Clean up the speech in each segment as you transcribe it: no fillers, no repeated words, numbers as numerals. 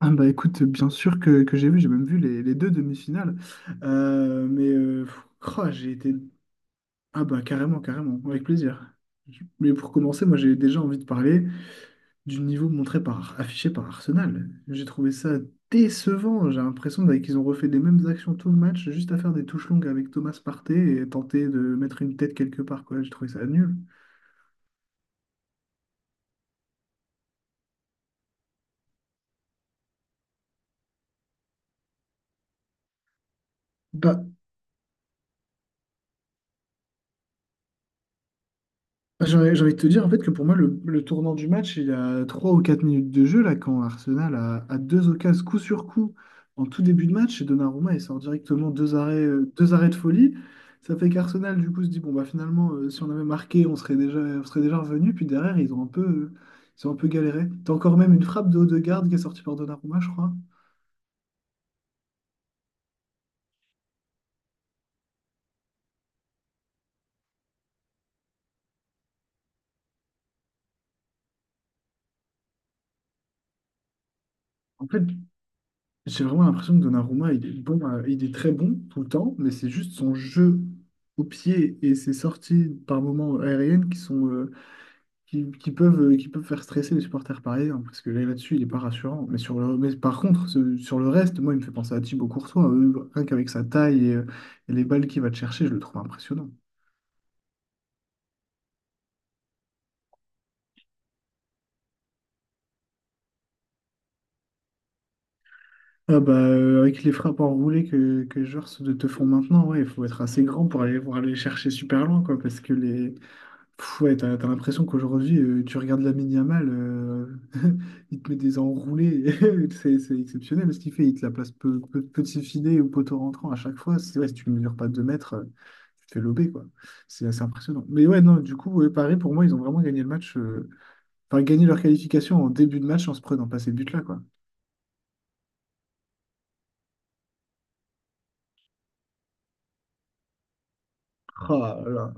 Ah bah écoute, bien sûr que j'ai vu, j'ai même vu les deux demi-finales. Mais, j'ai été... Ah bah carrément, carrément, avec plaisir. Mais pour commencer, moi j'ai déjà envie de parler du niveau montré par, affiché par Arsenal. J'ai trouvé ça décevant. J'ai l'impression qu'ils ont refait les mêmes actions tout le match, juste à faire des touches longues avec Thomas Partey et tenter de mettre une tête quelque part, quoi. J'ai trouvé ça nul. Bah, j'ai envie de te dire en fait que pour moi le tournant du match il y a 3 ou 4 minutes de jeu là quand Arsenal a deux occasions coup sur coup en tout début de match et Donnarumma il sort directement deux arrêts de folie. Ça fait qu'Arsenal du coup se dit bon bah finalement si on avait marqué on serait déjà revenu puis derrière ils ont un peu ils ont un peu galéré. T'as encore même une frappe de haut de garde qui est sortie par Donnarumma je crois. En fait, j'ai vraiment l'impression que Donnarumma, il est bon, il est très bon tout le temps, mais c'est juste son jeu au pied et ses sorties par moments aériennes qui sont qui peuvent faire stresser les supporters parisiens parce que là, là-dessus, il est pas rassurant. Mais sur le mais par contre, sur le reste, moi, il me fait penser à Thibaut Courtois, rien qu'avec sa taille et les balles qu'il va te chercher, je le trouve impressionnant. Ah bah, avec les frappes enroulées que les joueurs te font maintenant, ouais, il faut être assez grand pour aller les chercher super loin, quoi, parce que les, Ouais, t'as l'impression qu'aujourd'hui, tu regardes Lamine Yamal, il te met des enroulés, c'est exceptionnel ce qu'il fait, il te la place petit filet ou poteau rentrant à chaque fois. C'est vrai, si tu ne mesures pas 2 mètres, tu te fais lober, quoi. C'est assez impressionnant. Mais ouais, non, du coup, ouais, Paris, pour moi, ils ont vraiment gagné le match, enfin, gagné leur qualification en début de match en se prenant pas ces buts-là, quoi. Ah là là.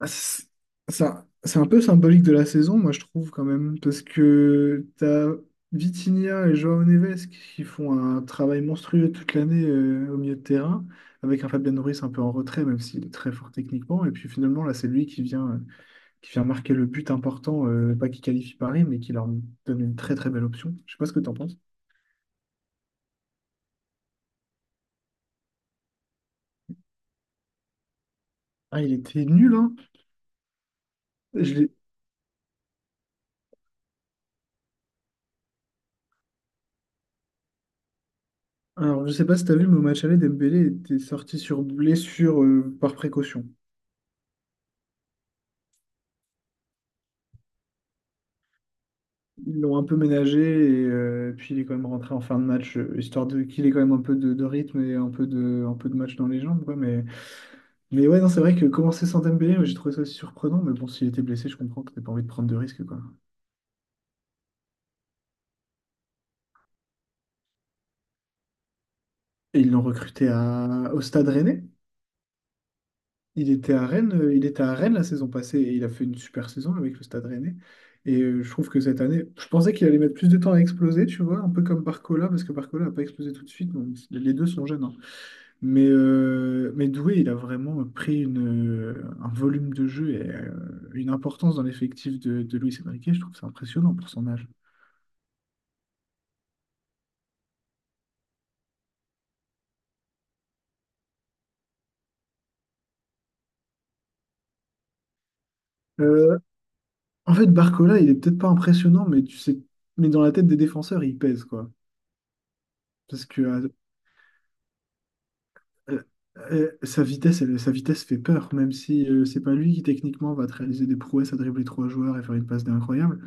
Ah, c'est un peu symbolique de la saison, moi je trouve quand même, parce que t'as Vitinha et João Neves qui font un travail monstrueux toute l'année au milieu de terrain, avec un Fabian Ruiz un peu en retrait, même s'il est très fort techniquement. Et puis finalement, là, c'est lui qui vient marquer le but important, pas qui qualifie Paris, mais qui leur donne une très très belle option. Je sais pas ce que t'en penses. Ah, il était nul, hein. Je l'ai- Alors, je sais pas si t'as vu, mais au match aller, Dembélé était sorti sur blessure par précaution. Ils l'ont un peu ménagé et puis il est quand même rentré en fin de match, histoire de qu'il ait quand même un peu de rythme et un peu de match dans les jambes, quoi. Mais ouais, non, c'est vrai que commencer sans Dembélé, ouais, j'ai trouvé ça surprenant. Mais bon, s'il était blessé, je comprends que t'aies pas envie de prendre de risques, quoi. Et ils l'ont recruté au Stade Rennais. Il était à Rennes, il était à Rennes la saison passée et il a fait une super saison avec le Stade Rennais. Et je trouve que cette année, je pensais qu'il allait mettre plus de temps à exploser, tu vois, un peu comme Barcola, parce que Barcola n'a pas explosé tout de suite. Donc les deux sont jeunes, hein. Mais Doué, il a vraiment pris un volume de jeu et une importance dans l'effectif de Luis Enrique. Je trouve ça impressionnant pour son âge. Euh, en fait, Barcola, il est peut-être pas impressionnant, mais tu sais, mais dans la tête des défenseurs, il pèse, quoi. Parce que euh, sa vitesse fait peur, même si c'est pas lui qui techniquement va te réaliser des prouesses à dribbler trois joueurs et faire une passe d'incroyable.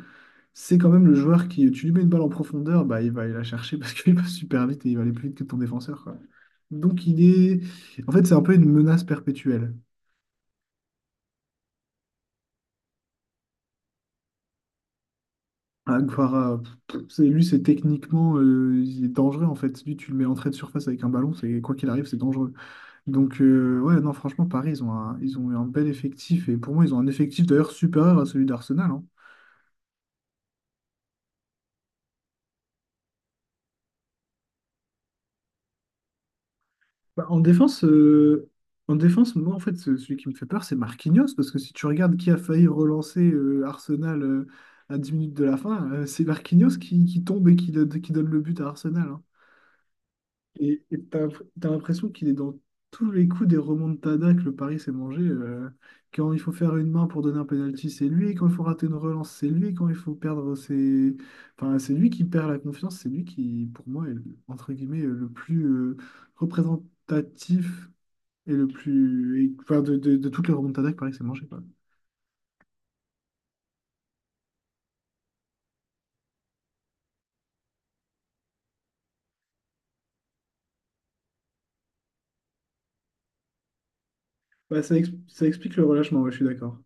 C'est quand même le joueur qui, tu lui mets une balle en profondeur, bah, il va aller la chercher parce qu'il passe super vite et il va aller plus vite que ton défenseur, quoi. Donc il est... En fait, c'est un peu une menace perpétuelle. Aguara, lui, c'est techniquement, il est dangereux, en fait. Lui, tu le mets entrée de surface avec un ballon, c'est quoi qu'il arrive, c'est dangereux. Donc, ouais, non, franchement, Paris, ils ont eu un bel effectif. Et pour moi, ils ont un effectif d'ailleurs supérieur à celui d'Arsenal, hein. Bah, en défense, en défense, moi, en fait, celui qui me fait peur, c'est Marquinhos, parce que si tu regardes qui a failli relancer Arsenal à 10 minutes de la fin, c'est Marquinhos qui tombe et qui donne le but à Arsenal, hein. Et t'as l'impression qu'il est dans tous les coups des remontadas que le Paris s'est mangé. Quand il faut faire une main pour donner un penalty, c'est lui. Quand il faut rater une relance, c'est lui. Quand il faut perdre, c'est... Enfin, c'est lui qui perd la confiance. C'est lui qui, pour moi, est, entre guillemets, le plus représentatif et le plus. Enfin, de toutes les remontadas il paraît que Paris s'est mangé, quoi. Bah, ça, ça explique le relâchement, ouais, je suis d'accord.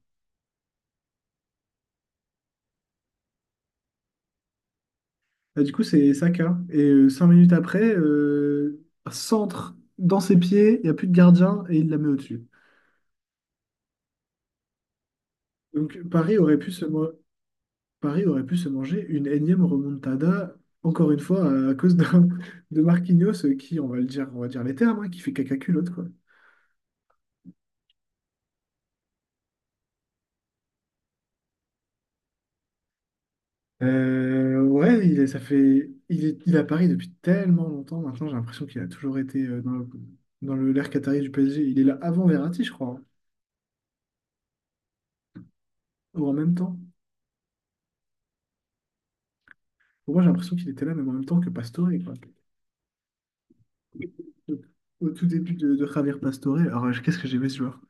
Bah, du coup, c'est Saka. Et 5 minutes après, centre dans ses pieds, il n'y a plus de gardien et il la met au-dessus. Donc Paris aurait pu se manger une énième remontada, encore une fois, à cause de Marquinhos qui, on va dire les termes, hein, qui fait caca culotte, quoi. Ouais, il est, ça fait, il est à Paris depuis tellement longtemps maintenant, j'ai l'impression qu'il a toujours été dans l'ère qatari du PSG. Il est là avant Verratti, je crois, hein, ou en même temps. Pour moi, j'ai l'impression qu'il était là même en même temps que Pastore, quoi. Au, au tout début de Javier Pastore. Alors, qu'est-ce que j'aimais ce joueur?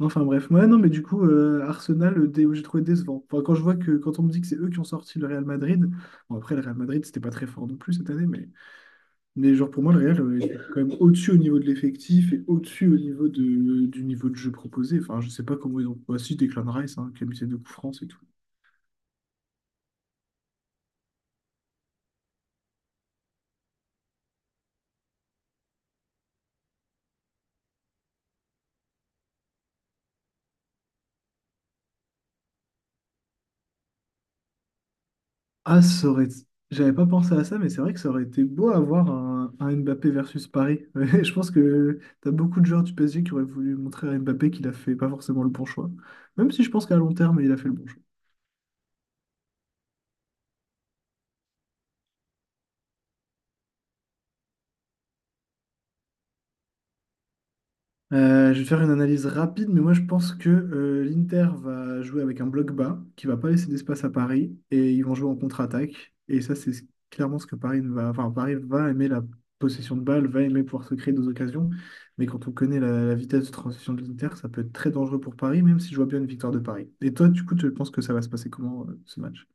Enfin bref, ouais, non, mais du coup, Arsenal, j'ai trouvé décevant. Enfin, quand je vois quand on me dit que c'est eux qui ont sorti le Real Madrid, bon après, le Real Madrid, c'était pas très fort non plus cette année. Mais genre pour moi, le Real est quand même au-dessus au niveau de l'effectif et au-dessus au niveau du niveau de jeu proposé. Enfin, je sais pas comment ils ont. Bah, si, Declan Rice, hein, qui a mis ses deux coups francs, c'est tout. Ah, ça aurait... J'avais pas pensé à ça, mais c'est vrai que ça aurait été beau avoir un Mbappé versus Paris. Ouais, je pense que t'as beaucoup de joueurs du PSG qui auraient voulu montrer à Mbappé qu'il a fait pas forcément le bon choix. Même si je pense qu'à long terme, il a fait le bon choix. Je vais faire une analyse rapide, mais moi je pense que l'Inter va jouer avec un bloc bas qui va pas laisser d'espace à Paris et ils vont jouer en contre-attaque. Et ça, c'est clairement ce que Paris ne va. Enfin, Paris va aimer la possession de balle, va aimer pouvoir se créer des occasions. Mais quand on connaît la vitesse de transition de l'Inter, ça peut être très dangereux pour Paris, même si je vois bien une victoire de Paris. Et toi, du coup, tu penses que ça va se passer comment ce match?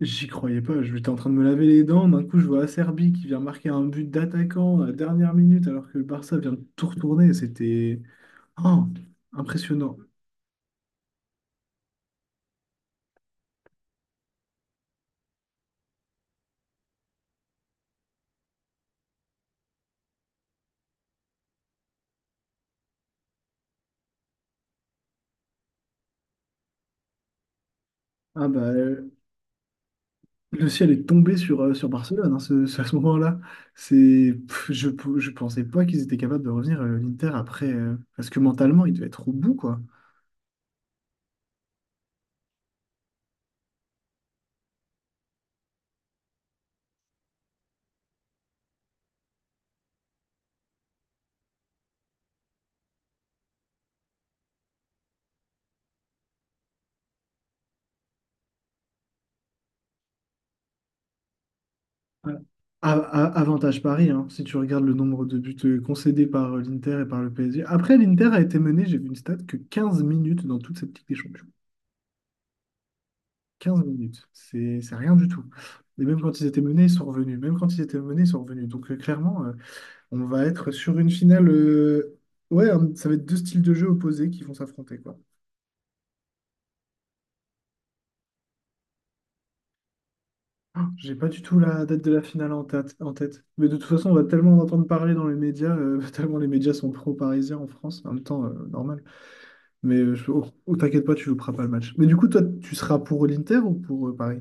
J'y croyais pas, je j'étais en train de me laver les dents, d'un coup je vois Acerbi qui vient marquer un but d'attaquant à la dernière minute alors que le Barça vient de tout retourner, c'était oh, impressionnant. Ah bah le ciel est tombé sur Barcelone hein, à ce moment-là. C'est je pensais pas qu'ils étaient capables de revenir l'Inter après parce que mentalement ils devaient être au bout quoi. Ah, a- Avantage Paris, hein, si tu regardes le nombre de buts concédés par l'Inter et par le PSG. Après, l'Inter a été mené, j'ai vu une stat, que 15 minutes dans toute cette Ligue des Champions. 15 minutes, c'est rien du tout. Et même quand ils étaient menés, ils sont revenus. Même quand ils étaient menés, ils sont revenus. Donc clairement, on va être sur une finale. Ouais, ça va être deux styles de jeu opposés qui vont s'affronter, quoi. Ah, j'ai pas du tout la date de la finale en tête. Mais de toute façon, on va tellement en entendre parler dans les médias, tellement les médias sont pro-parisiens en France, en même temps, normal. Mais oh, oh, t'inquiète pas, tu joueras pas le match. Mais du coup, toi, tu seras pour l'Inter ou pour Paris?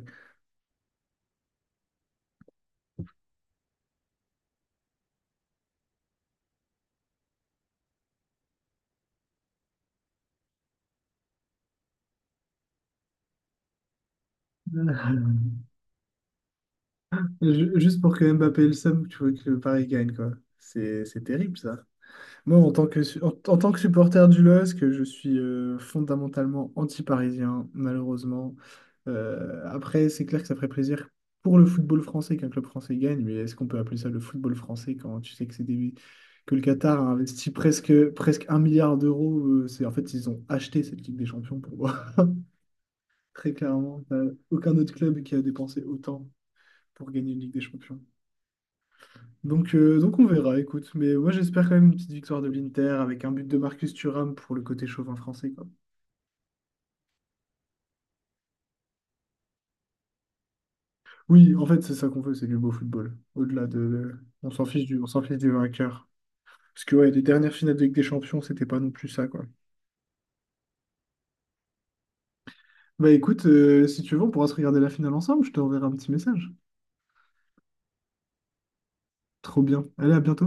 Juste pour que Mbappé ait le somme, tu vois que le Paris gagne, quoi. C'est terrible, ça. Moi, en tant que supporter du LOSC, je suis fondamentalement anti-parisien, malheureusement. Après, c'est clair que ça ferait plaisir pour le football français qu'un club français gagne, mais est-ce qu'on peut appeler ça le football français quand tu sais que que le Qatar a investi presque, presque 1 milliard d'euros, en fait, ils ont acheté cette Ligue des Champions pour moi. Très clairement, t'as aucun autre club qui a dépensé autant pour gagner une Ligue des Champions. Donc on verra, écoute. Mais moi j'espère quand même une petite victoire de l'Inter avec un but de Marcus Thuram pour le côté chauvin français, quoi. Oui, en fait c'est ça qu'on veut, c'est du beau football. Au-delà de, on s'en fiche du vainqueur. Parce que ouais, les dernières finales de Ligue des Champions, c'était pas non plus ça, quoi. Bah écoute, si tu veux, on pourra se regarder la finale ensemble. Je te enverrai un petit message. Trop bien. Allez, à bientôt.